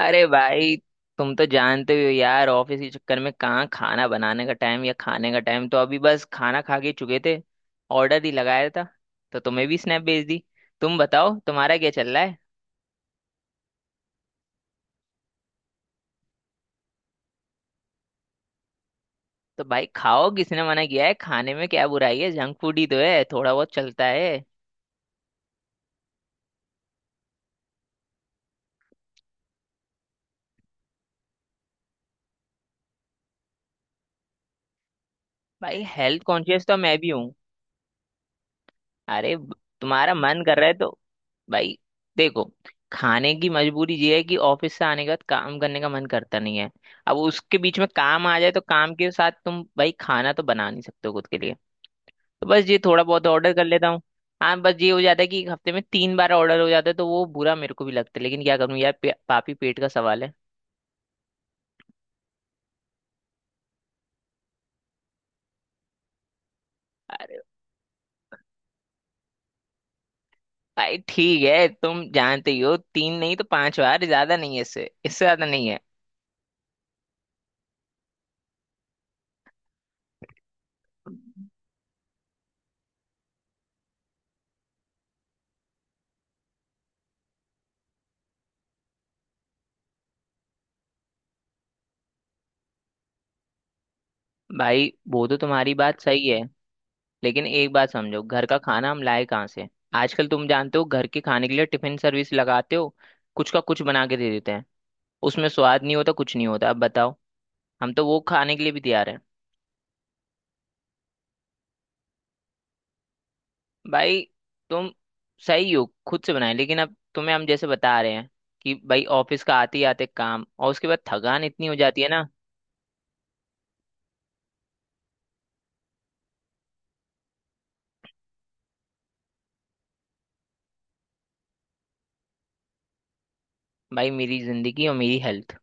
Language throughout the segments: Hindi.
अरे भाई, तुम तो जानते ही हो यार, ऑफिस के चक्कर में कहाँ खाना बनाने का टाइम या खाने का टाइम। तो अभी बस खाना खा के चुके थे, ऑर्डर ही लगाया था, तो तुम्हें भी स्नैप भेज दी। तुम बताओ तुम्हारा क्या चल रहा है। तो भाई खाओ, किसने मना किया है, खाने में क्या बुराई है, जंक फूड ही तो है, थोड़ा बहुत चलता है। भाई हेल्थ कॉन्शियस तो मैं भी हूँ। अरे ब- तुम्हारा मन कर रहा है तो। भाई देखो, खाने की मजबूरी ये है कि ऑफिस से आने के बाद काम करने का मन करता नहीं है। अब उसके बीच में काम आ जाए तो काम के साथ तुम भाई खाना तो बना नहीं सकते हो खुद के लिए। तो बस ये थोड़ा बहुत ऑर्डर कर लेता हूँ। हाँ, बस ये हो जाता है कि हफ्ते में 3 बार ऑर्डर हो जाता है तो वो बुरा मेरे को भी लगता है, लेकिन क्या करूँ यार, पापी पेट का सवाल है। अरे भाई ठीक है, तुम जानते ही हो, तीन नहीं तो 5 बार, ज्यादा नहीं है, इससे इससे ज्यादा नहीं है। भाई वो तो तुम्हारी बात सही है, लेकिन एक बात समझो, घर का खाना हम लाए कहाँ से। आजकल तुम जानते हो घर के खाने के लिए टिफिन सर्विस लगाते हो, कुछ का कुछ बना के दे देते हैं, उसमें स्वाद नहीं होता कुछ नहीं होता, अब बताओ, हम तो वो खाने के लिए भी तैयार हैं। भाई तुम सही हो, खुद से बनाए, लेकिन अब तुम्हें हम जैसे बता रहे हैं कि भाई ऑफिस का आते ही आते काम और उसके बाद थकान इतनी हो जाती है ना। भाई मेरी जिंदगी और मेरी हेल्थ।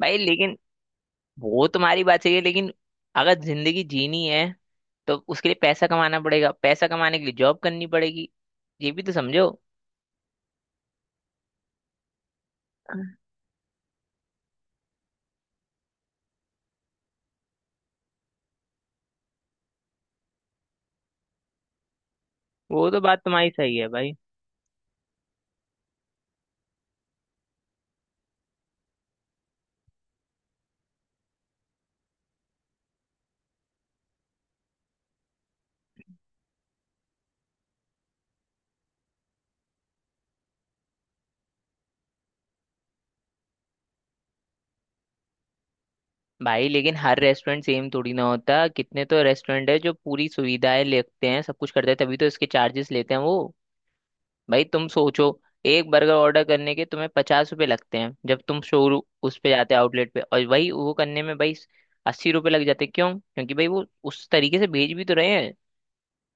भाई लेकिन वो तुम्हारी बात सही है, लेकिन अगर जिंदगी जीनी है तो उसके लिए पैसा कमाना पड़ेगा, पैसा कमाने के लिए जॉब करनी पड़ेगी, ये भी तो समझो। वो तो बात तुम्हारी सही है भाई। भाई लेकिन हर रेस्टोरेंट सेम थोड़ी ना होता, कितने तो रेस्टोरेंट है जो पूरी सुविधाएं लेते हैं सब कुछ करते हैं, तभी तो इसके चार्जेस लेते हैं वो। भाई तुम सोचो, एक बर्गर ऑर्डर करने के तुम्हें 50 रुपए लगते हैं, जब तुम शोरूम उस पे जाते हो आउटलेट पे और वही वो करने में भाई 80 रुपए लग जाते हैं, क्यों, क्योंकि भाई वो उस तरीके से भेज भी तो रहे हैं,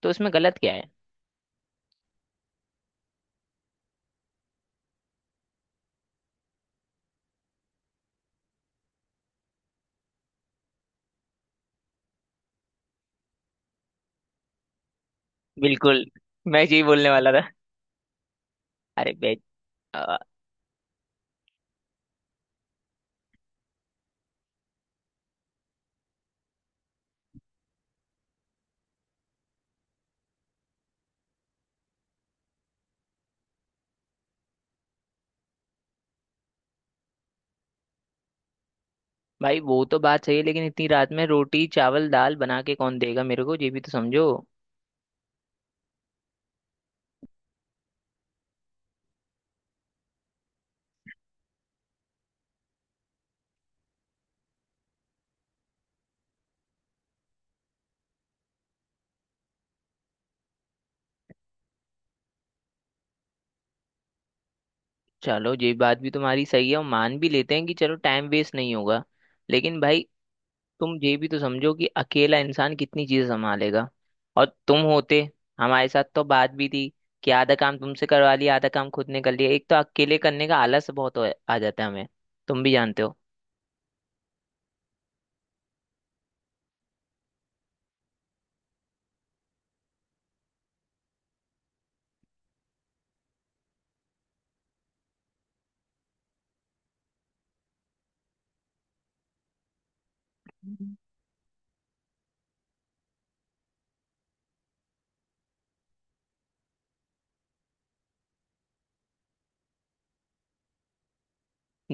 तो उसमें गलत क्या है। बिल्कुल, मैं यही बोलने वाला था। अरे बे। अ, भाई वो तो बात सही है, लेकिन इतनी रात में रोटी चावल दाल बना के कौन देगा मेरे को, ये भी तो समझो। चलो ये बात भी तुम्हारी सही है और मान भी लेते हैं कि चलो टाइम वेस्ट नहीं होगा। लेकिन भाई तुम ये भी तो समझो कि अकेला इंसान कितनी चीजें संभालेगा। और तुम होते हमारे साथ तो बात भी थी, कि आधा काम तुमसे करवा लिया आधा काम खुद ने कर लिया। एक तो अकेले करने का आलस बहुत आ जाता है हमें, तुम भी जानते हो।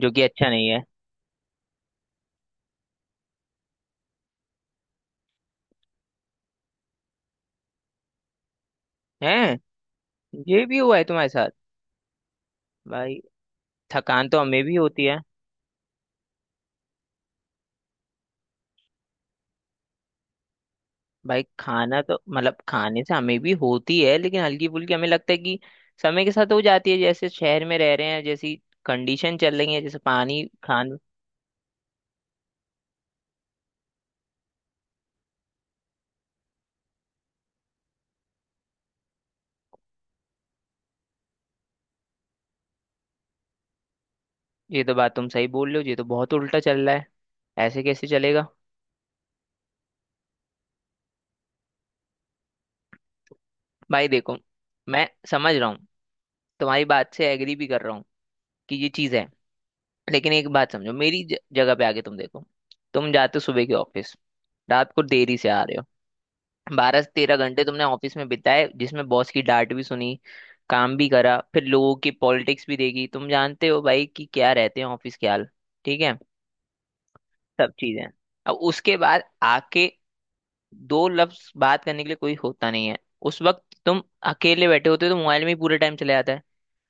जो कि अच्छा नहीं है। हैं, ये भी हुआ है तुम्हारे साथ। भाई थकान तो हमें भी होती है। भाई खाना तो मतलब खाने से हमें भी होती है, लेकिन हल्की फुल्की हमें लगता है कि समय के साथ हो जाती है, जैसे शहर में रह रहे हैं, जैसी कंडीशन चल रही है, जैसे पानी खान। ये तो बात तुम सही बोल रहे हो, ये तो बहुत उल्टा चल रहा है, ऐसे कैसे चलेगा। भाई देखो, मैं समझ रहा हूँ, तुम्हारी बात से एग्री भी कर रहा हूँ कि ये चीज़ है, लेकिन एक बात समझो, मेरी जगह पे आके तुम देखो। तुम जाते हो सुबह के ऑफिस, रात को देरी से आ रहे हो, 12 से 13 घंटे तुमने ऑफिस में बिताए, जिसमें बॉस की डांट भी सुनी, काम भी करा, फिर लोगों की पॉलिटिक्स भी देखी, तुम जानते हो भाई कि क्या रहते हैं ऑफिस के हाल, ठीक है, सब चीजें। अब उसके बाद आके दो लफ्ज बात करने के लिए कोई होता नहीं है, उस वक्त तुम अकेले बैठे होते हो तो मोबाइल में ही पूरा टाइम चले जाता है।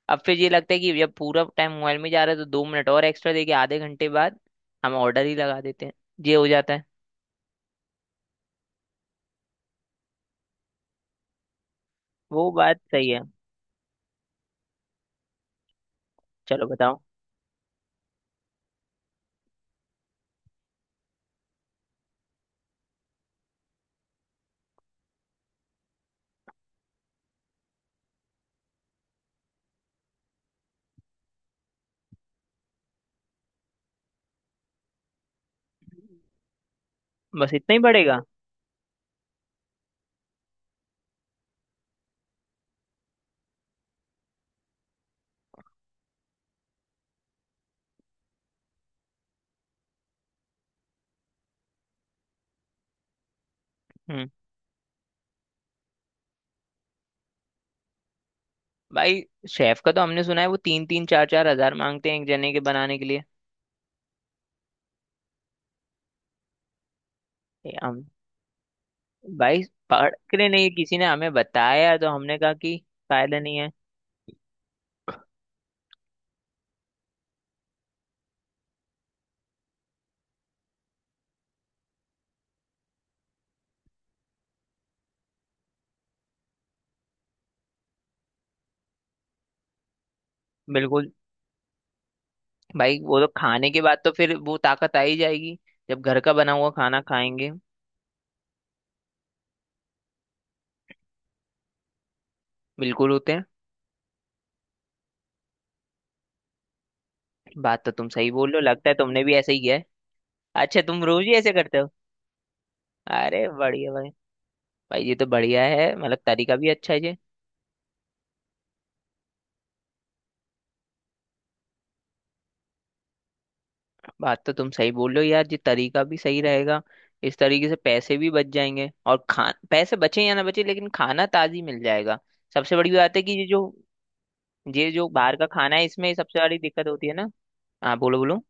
अब फिर ये लगता है कि जब पूरा टाइम मोबाइल में जा रहा है तो 2 मिनट और एक्स्ट्रा देके आधे घंटे बाद हम ऑर्डर ही लगा देते हैं, ये हो जाता है। वो बात सही है। चलो बताओ। बस इतना ही पड़ेगा। भाई शेफ का तो हमने सुना है वो तीन तीन चार चार हजार मांगते हैं एक जने के बनाने के लिए। ये हम भाई पढ़ के नहीं, किसी ने हमें बताया, तो हमने कहा कि फायदा नहीं है। बिल्कुल। भाई वो तो खाने के बाद तो फिर वो ताकत आ ही जाएगी, जब घर का बना हुआ खाना खाएंगे। बिल्कुल होते हैं। बात तो तुम सही बोल रहे हो, लगता है तुमने भी ऐसा ही किया है। अच्छा तुम रोज ही ऐसे करते हो। अरे बढ़िया भाई। भाई ये तो बढ़िया है, मतलब तरीका भी अच्छा है। बात तो तुम सही बोल रहे हो यार, ये तरीका भी सही रहेगा, इस तरीके से पैसे भी बच जाएंगे और खा पैसे बचे या ना बचे लेकिन खाना ताजी मिल जाएगा। सबसे बड़ी बात है कि ये जो बाहर का खाना है इसमें सबसे बड़ी दिक्कत होती है ना। हाँ बोलो बोलो।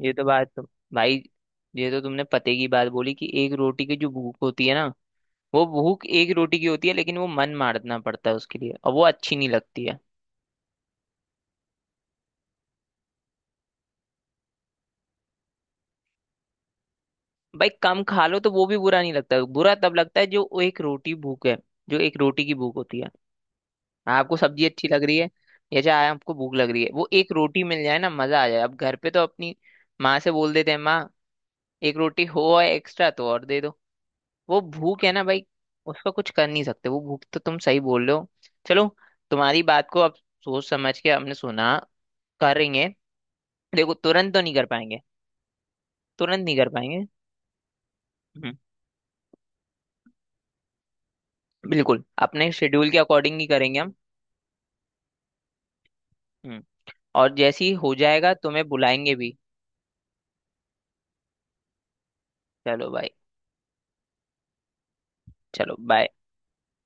ये तो बात तो भाई, ये तो तुमने पते की बात बोली कि एक रोटी की जो भूख होती है ना, वो भूख एक रोटी की होती है, लेकिन वो मन मारना पड़ता है उसके लिए और वो अच्छी नहीं लगती है। भाई कम खा लो तो वो भी बुरा नहीं लगता, बुरा तब लगता है जो वो एक रोटी भूख है, जो एक रोटी की भूख होती है। हाँ, आपको सब्जी अच्छी लग रही है या चाहे आपको भूख लग रही है, वो एक रोटी मिल जाए ना मजा आ जाए। अब घर पे तो अपनी माँ से बोल देते हैं, माँ एक रोटी हो और एक्स्ट्रा तो और दे दो। वो भूख है ना भाई, उसका कुछ कर नहीं सकते, वो भूख तो तुम सही बोल रहे हो। चलो तुम्हारी बात को अब सोच समझ के हमने सुना, करेंगे। देखो तुरंत तो नहीं कर पाएंगे, तुरंत नहीं कर पाएंगे। हम्म, बिल्कुल अपने शेड्यूल के अकॉर्डिंग ही करेंगे हम। हम्म, और जैसे ही हो जाएगा तुम्हें बुलाएंगे भी। चलो भाई। चलो बाय।